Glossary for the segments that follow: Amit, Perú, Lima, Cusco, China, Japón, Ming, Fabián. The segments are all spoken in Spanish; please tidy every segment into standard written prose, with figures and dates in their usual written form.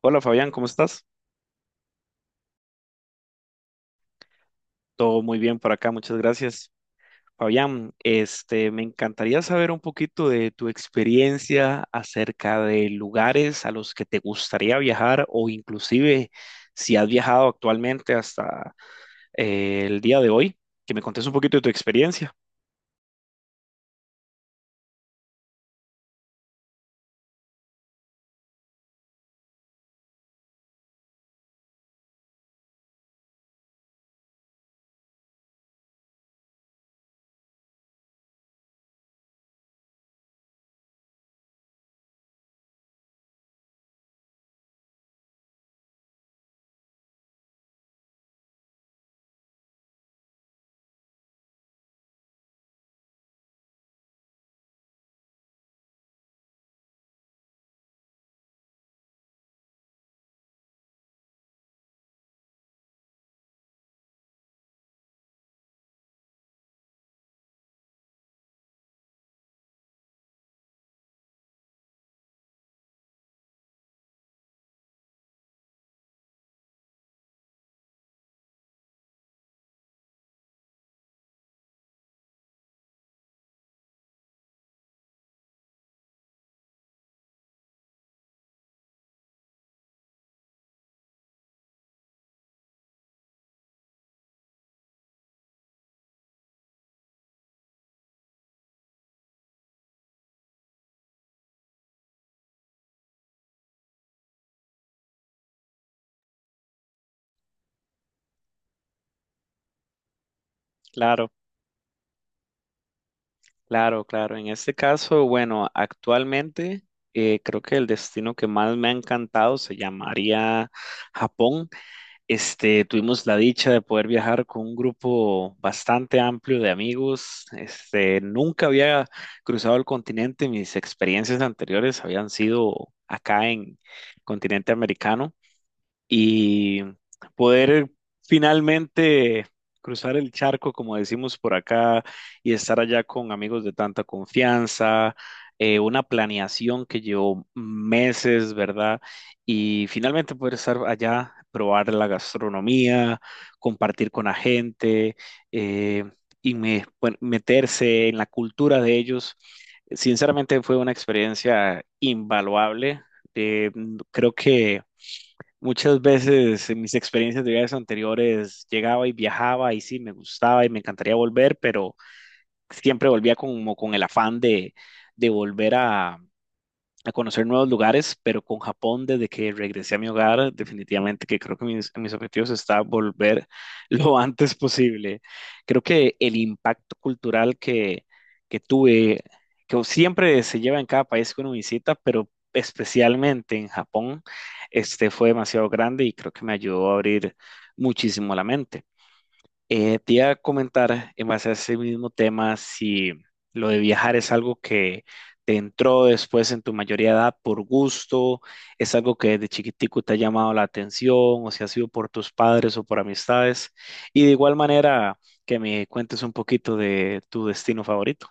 Hola Fabián, ¿cómo estás? Todo muy bien por acá, muchas gracias. Fabián, este, me encantaría saber un poquito de tu experiencia acerca de lugares a los que te gustaría viajar, o inclusive si has viajado actualmente hasta el día de hoy, que me contes un poquito de tu experiencia. Claro, claro, claro. En este caso, bueno, actualmente creo que el destino que más me ha encantado se llamaría Japón. Este, tuvimos la dicha de poder viajar con un grupo bastante amplio de amigos. Este, nunca había cruzado el continente. Mis experiencias anteriores habían sido acá en continente americano, y poder finalmente cruzar el charco, como decimos por acá, y estar allá con amigos de tanta confianza, una planeación que llevó meses, ¿verdad? Y finalmente poder estar allá, probar la gastronomía, compartir con la gente, eh, y bueno, meterse en la cultura de ellos. Sinceramente fue una experiencia invaluable. Eh, creo que muchas veces en mis experiencias de viajes anteriores llegaba y viajaba y sí, me gustaba y me encantaría volver, pero siempre volvía como con el afán de, de volver a conocer nuevos lugares, pero con Japón, desde que regresé a mi hogar, definitivamente que creo que mis objetivos está volver lo antes posible. Creo que el impacto cultural que tuve, que siempre se lleva en cada país que uno visita, pero especialmente en Japón, este fue demasiado grande y creo que me ayudó a abrir muchísimo la mente. Te iba a comentar en base a ese mismo tema si lo de viajar es algo que te entró después en tu mayoría de edad por gusto, es algo que desde chiquitico te ha llamado la atención, o si ha sido por tus padres o por amistades. Y de igual manera, que me cuentes un poquito de tu destino favorito.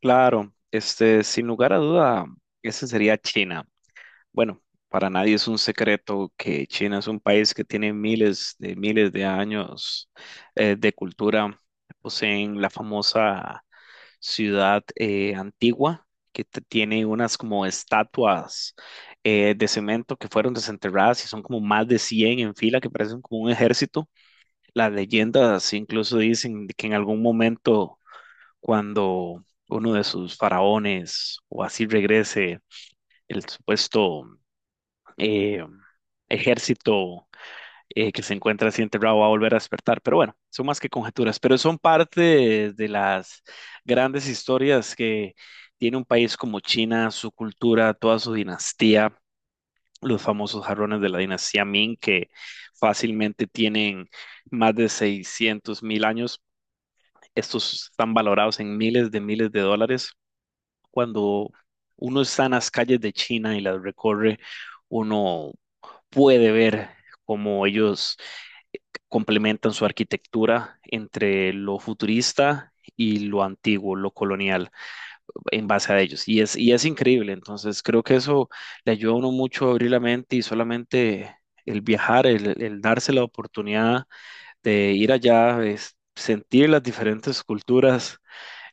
Claro, este, sin lugar a duda, ese sería China. Bueno, para nadie es un secreto que China es un país que tiene miles de años de cultura. Poseen la famosa ciudad antigua, que tiene unas como estatuas de cemento que fueron desenterradas, y son como más de 100 en fila que parecen como un ejército. Las leyendas incluso dicen de que en algún momento, cuando uno de sus faraones o así regrese, el supuesto eh, ejército que se encuentra así enterrado va a volver a despertar. Pero bueno, son más que conjeturas, pero son parte de las grandes historias que tiene un país como China, su cultura, toda su dinastía, los famosos jarrones de la dinastía Ming, que fácilmente tienen más de 600.000 años. Estos están valorados en miles de dólares. Cuando uno está en las calles de China y las recorre, uno puede ver cómo ellos complementan su arquitectura entre lo futurista y lo antiguo, lo colonial, en base a ellos. Y es increíble, entonces creo que eso le ayuda a uno mucho a abrir la mente, y solamente el viajar, el darse la oportunidad de ir allá, es sentir las diferentes culturas.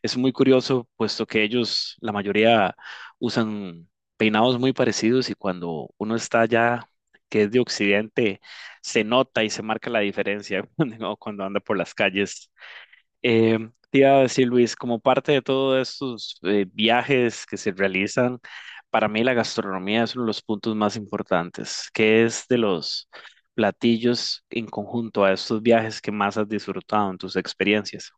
Es muy curioso, puesto que ellos, la mayoría, usan peinados muy parecidos, y cuando uno está allá, que es de Occidente, se nota y se marca la diferencia cuando anda por las calles. Eh, te iba a decir, Luis, como parte de todos estos viajes que se realizan, para mí la gastronomía es uno de los puntos más importantes. Que es de los platillos en conjunto a estos viajes que más has disfrutado en tus experiencias?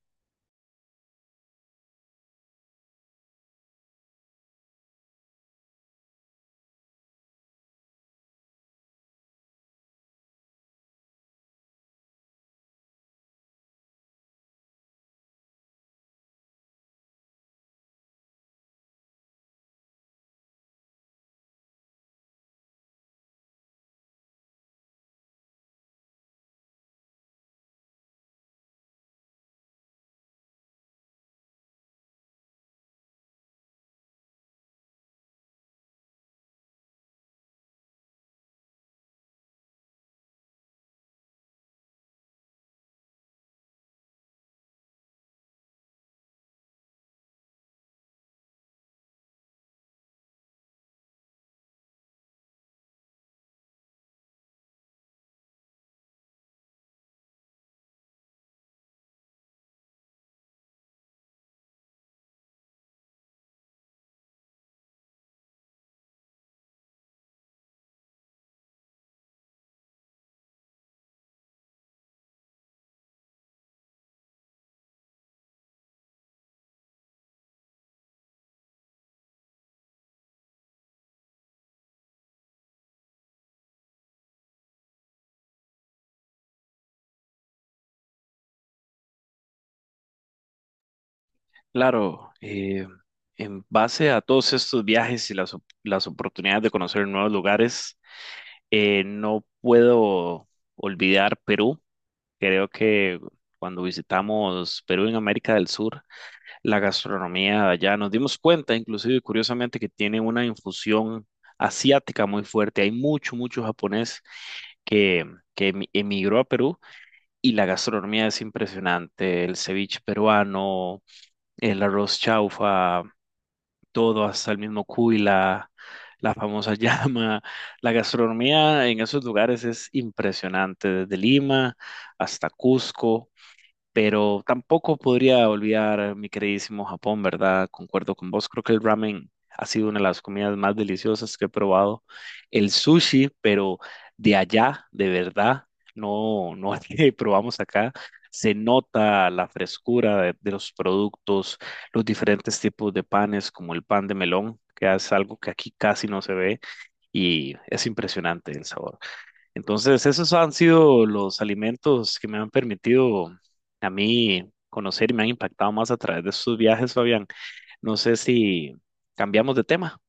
Claro, en base a todos estos viajes y las oportunidades de conocer nuevos lugares, no puedo olvidar Perú. Creo que cuando visitamos Perú en América del Sur, la gastronomía de allá nos dimos cuenta, inclusive curiosamente, que tiene una infusión asiática muy fuerte. Hay mucho, mucho japonés que, que emigró a Perú, y la gastronomía es impresionante. El ceviche peruano, el arroz chaufa, todo, hasta el mismo cuy, la famosa llama. La gastronomía en esos lugares es impresionante, desde Lima hasta Cusco. Pero tampoco podría olvidar mi queridísimo Japón, ¿verdad? Concuerdo con vos. Creo que el ramen ha sido una de las comidas más deliciosas que he probado. El sushi, pero de allá, de verdad, no, no es que probamos acá. Se nota la frescura de los productos, los diferentes tipos de panes, como el pan de melón, que es algo que aquí casi no se ve, y es impresionante el sabor. Entonces, esos han sido los alimentos que me han permitido a mí conocer, y me han impactado más a través de estos viajes, Fabián. No sé si cambiamos de tema.